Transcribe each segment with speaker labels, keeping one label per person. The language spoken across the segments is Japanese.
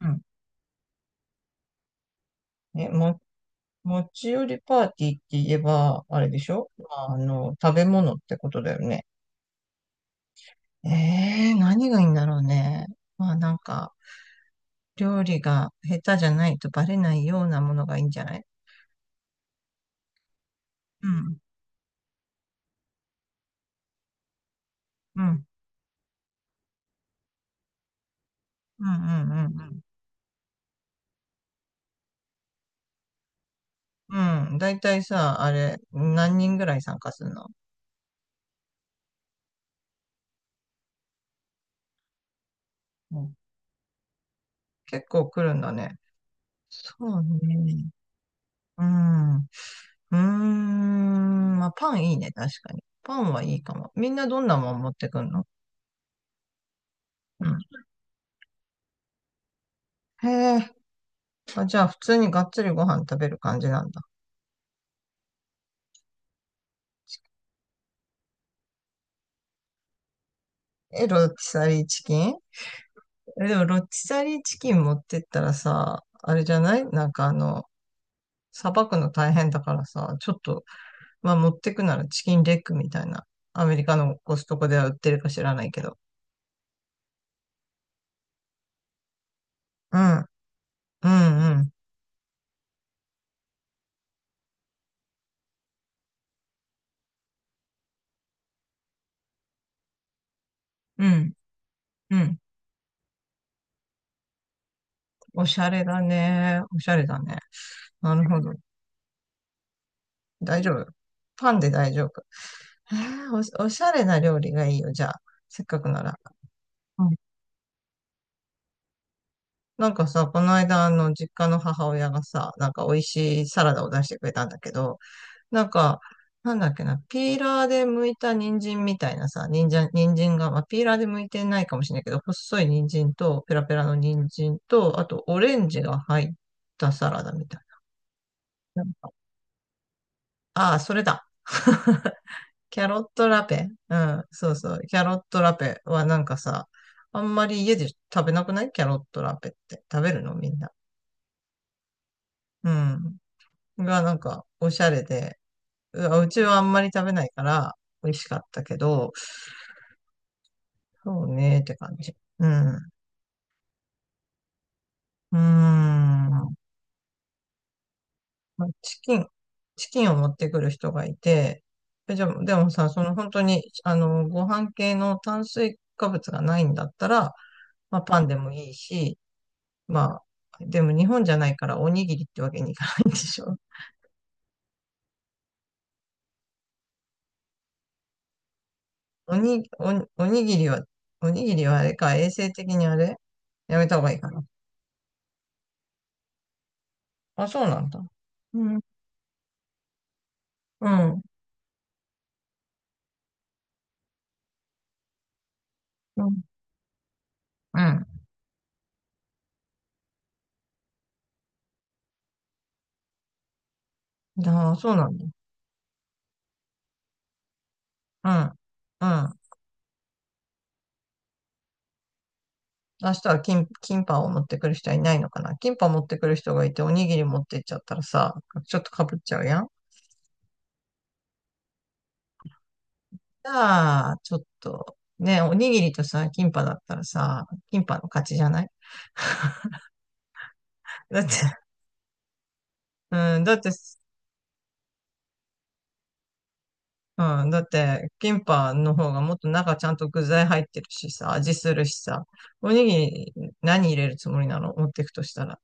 Speaker 1: うん。ね、持ち寄りパーティーって言えば、あれでしょ、まあ、あの、食べ物ってことだよね。え何がいいんだろうね。まあ、なんか、料理が下手じゃないとバレないようなものがいいんじゃない？うん、うん、うん、うん、うん、うん。だいたいさ、あれ、何人ぐらい参加するの？うん、結構来るんだね。そうね。うん。うーん、まあ、パンいいね、確かに。パンはいいかも。みんなどんなもん持ってくんの？へえ。あ、じゃあ、普通にがっつりご飯食べる感じなんだ。え、ロティサリーチキン？え、でも、ロティサリーチキン持ってったらさ、あれじゃない、なんかあの、さばくの大変だからさ、ちょっと、まあ、持ってくならチキンレッグみたいな、アメリカのコストコでは売ってるか知らないけど。うん、うん、うん、うん、うん。おしゃれだね。おしゃれだね。なるほど。大丈夫。パンで大丈夫。へえ、おしゃれな料理がいいよ、じゃあ。せっかくなら。なんかさ、この間、あの、実家の母親がさ、なんか美味しいサラダを出してくれたんだけど、なんか、なんだっけな、ピーラーで剥いた人参みたいなさ、人参が、まあ、ピーラーで剥いてないかもしれないけど、細い人参と、ペラペラの人参と、あと、オレンジが入ったサラダみたいな。なんかああ、それだ。キャロットラペ。うん、そうそう。キャロットラペはなんかさ、あんまり家で食べなくないキャロットラペって。食べるのみんな？うん。がなんかおしゃれで、うわうちはあんまり食べないから美味しかったけど、そうねーって感じ。うん。うーん。まあチキンを持ってくる人がいて、じゃあ、でもさ、その本当に、あの、ご飯系の炭水化物がないんだったら、まあパンでもいいし、まあ、でも日本じゃないからおにぎりってわけにいかないんでしょ？おに、おに、おにぎりは、おにぎりはあれか、衛生的にあれやめた方がいいかな。あ、そうなんだ。うん、うん。うん。うん。ああ、そうなんだ。うん。うん。明日はキンパンを持ってくる人はいないのかな。キンパン持ってくる人がいて、おにぎり持ってっちゃったらさ、ちょっとかぶっちゃうやん。じゃあ、ちょっと、ね、おにぎりとさ、キンパンだったらさ、キンパンの勝ちじゃない？ だって、うん、だって、うん、だって、キンパンの方がもっと中ちゃんと具材入ってるしさ、味するしさ、おにぎり何入れるつもりなの持ってくとしたら？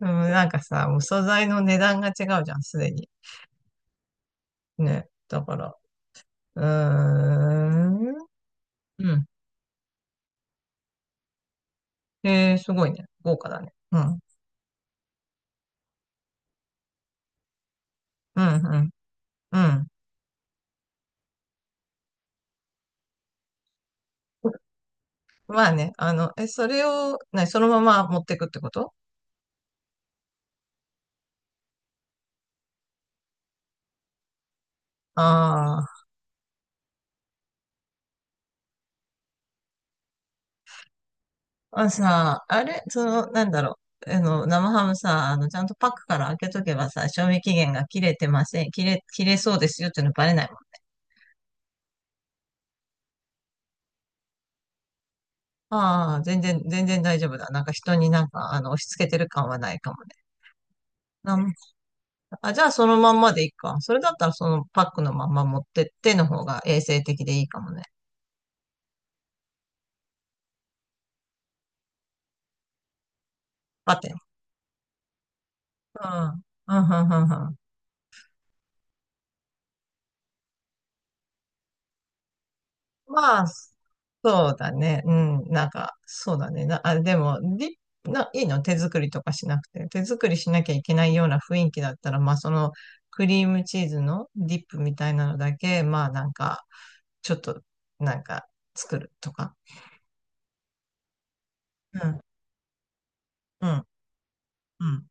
Speaker 1: うん、なんかさ、もう素材の値段が違うじゃん、すでに。ね。だから、うーん。うん。えー、すごいね。豪華だね。うん。うん、うん、うん。まあね、あの、それを、そのまま持ってくってこと？ああー、あれ、その、なんだろう、あの、生ハムさ、あの、ちゃんとパックから開けとけばさ、賞味期限が切れてません、切れそうですよっていうのバレないもん。ああ、全然大丈夫だ。なんか人になんか、あの、押し付けてる感はないかもね。あ、じゃあそのまんまでいいか。それだったらそのパックのまんま持ってっての方が衛生的でいいかもね。パテン。うん。うん、うん、うん、うん。まあ、そうだね。うん。なんか、そうだね。あ、でも、いいの手作りとかしなくて。手作りしなきゃいけないような雰囲気だったら、まあそのクリームチーズのディップみたいなのだけ、まあなんか、ちょっと、なんか、作るとか。うん、うん、うん、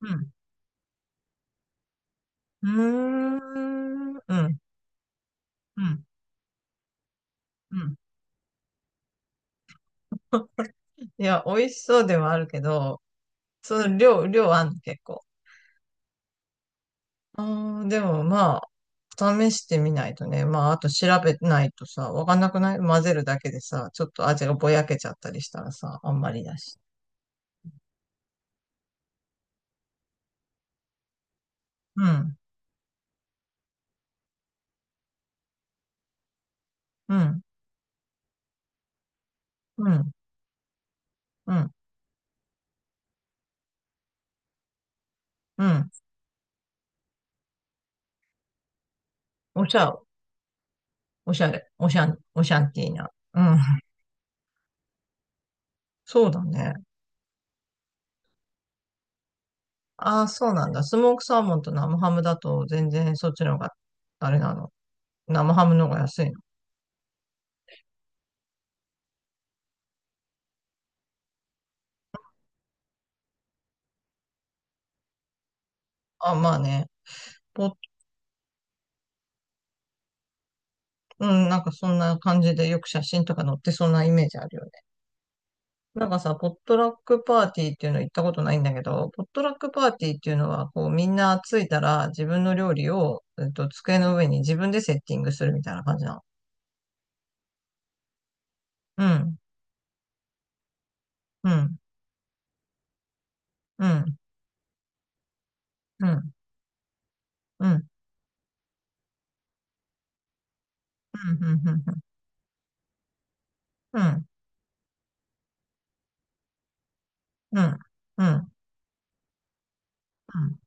Speaker 1: うん。うーん、うん、うん、うん。いや、美味しそうではあるけど、その量あんの、結構？あーでもまあ、試してみないとね。まあ、あと調べないとさ、わかんなくない？混ぜるだけでさ、ちょっと味がぼやけちゃったりしたらさ、あんまりだし。うん、うん、うん、うん、うん。おしゃ、おしゃれ、おしゃん、おしゃんティーな。うん、そうだね。ああ、そうなんだ。スモークサーモンと生ハムだと全然そっちの方が、あれなの？生ハムの方が安いの？あ、まあね。ポッうん、なんかそんな感じでよく写真とか載ってそうなイメージあるよね。なんかさ、ポットラックパーティーっていうの行ったことないんだけど、ポットラックパーティーっていうのは、こうみんな着いたら自分の料理を、机の上に自分でセッティングするみたいな感じなの？うん、うん、うん、うん、うん、うん、うん、うん、うん、うん、うん。うん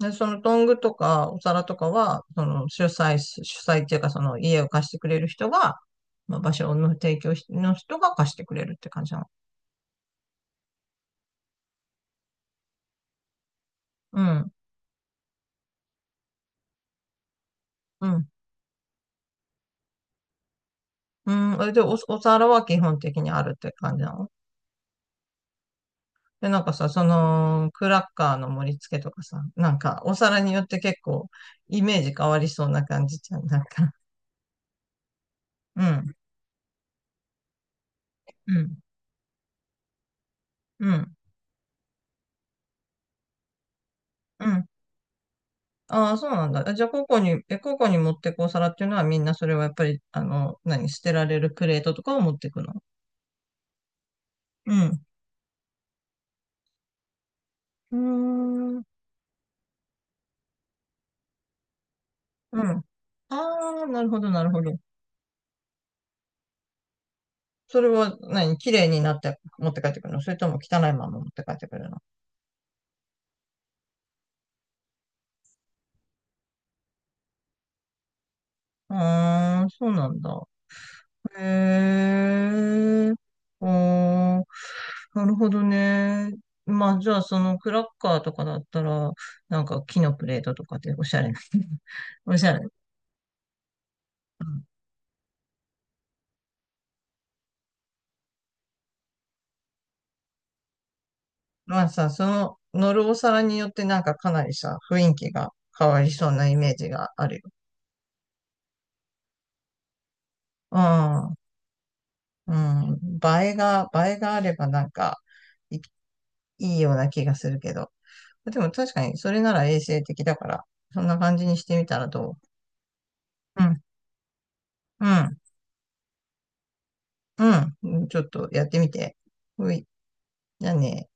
Speaker 1: で、そのトングとかお皿とかは、その主催っていうかその家を貸してくれる人が、まあ、場所の提供しの人が貸してくれるって感じなの？うん、うん、うん。で、お皿は基本的にあるって感じなので、なんかさ、その、クラッカーの盛り付けとかさ、なんか、お皿によって結構、イメージ変わりそうな感じじゃん、なんか。うん、うん、うん、うん。ああ、そうなんだ。じゃあ、個々に持ってくお皿っていうのは、みんなそれはやっぱり、あの、何、捨てられるプレートとかを持ってくの？うん。うーん、うん。ああ、なるほど、なるほど。それは何綺麗になって持って帰ってくるの？それとも汚いまま持って帰ってくるの？うーん、そうなんだ。へえ。おー、なるほどね。まあ、じゃあ、そのクラッカーとかだったら、なんか木のプレートとかでおしゃれな。おしゃれ。うんまあさ、その乗るお皿によってなんかかなりさ、雰囲気が変わりそうなイメージがあるよ。うん。うん。映えがあればなんか、いいような気がするけど。でも確かにそれなら衛生的だから、そんな感じにしてみたらどう？うん、うん、うん。ちょっとやってみて。ほい。じゃあね。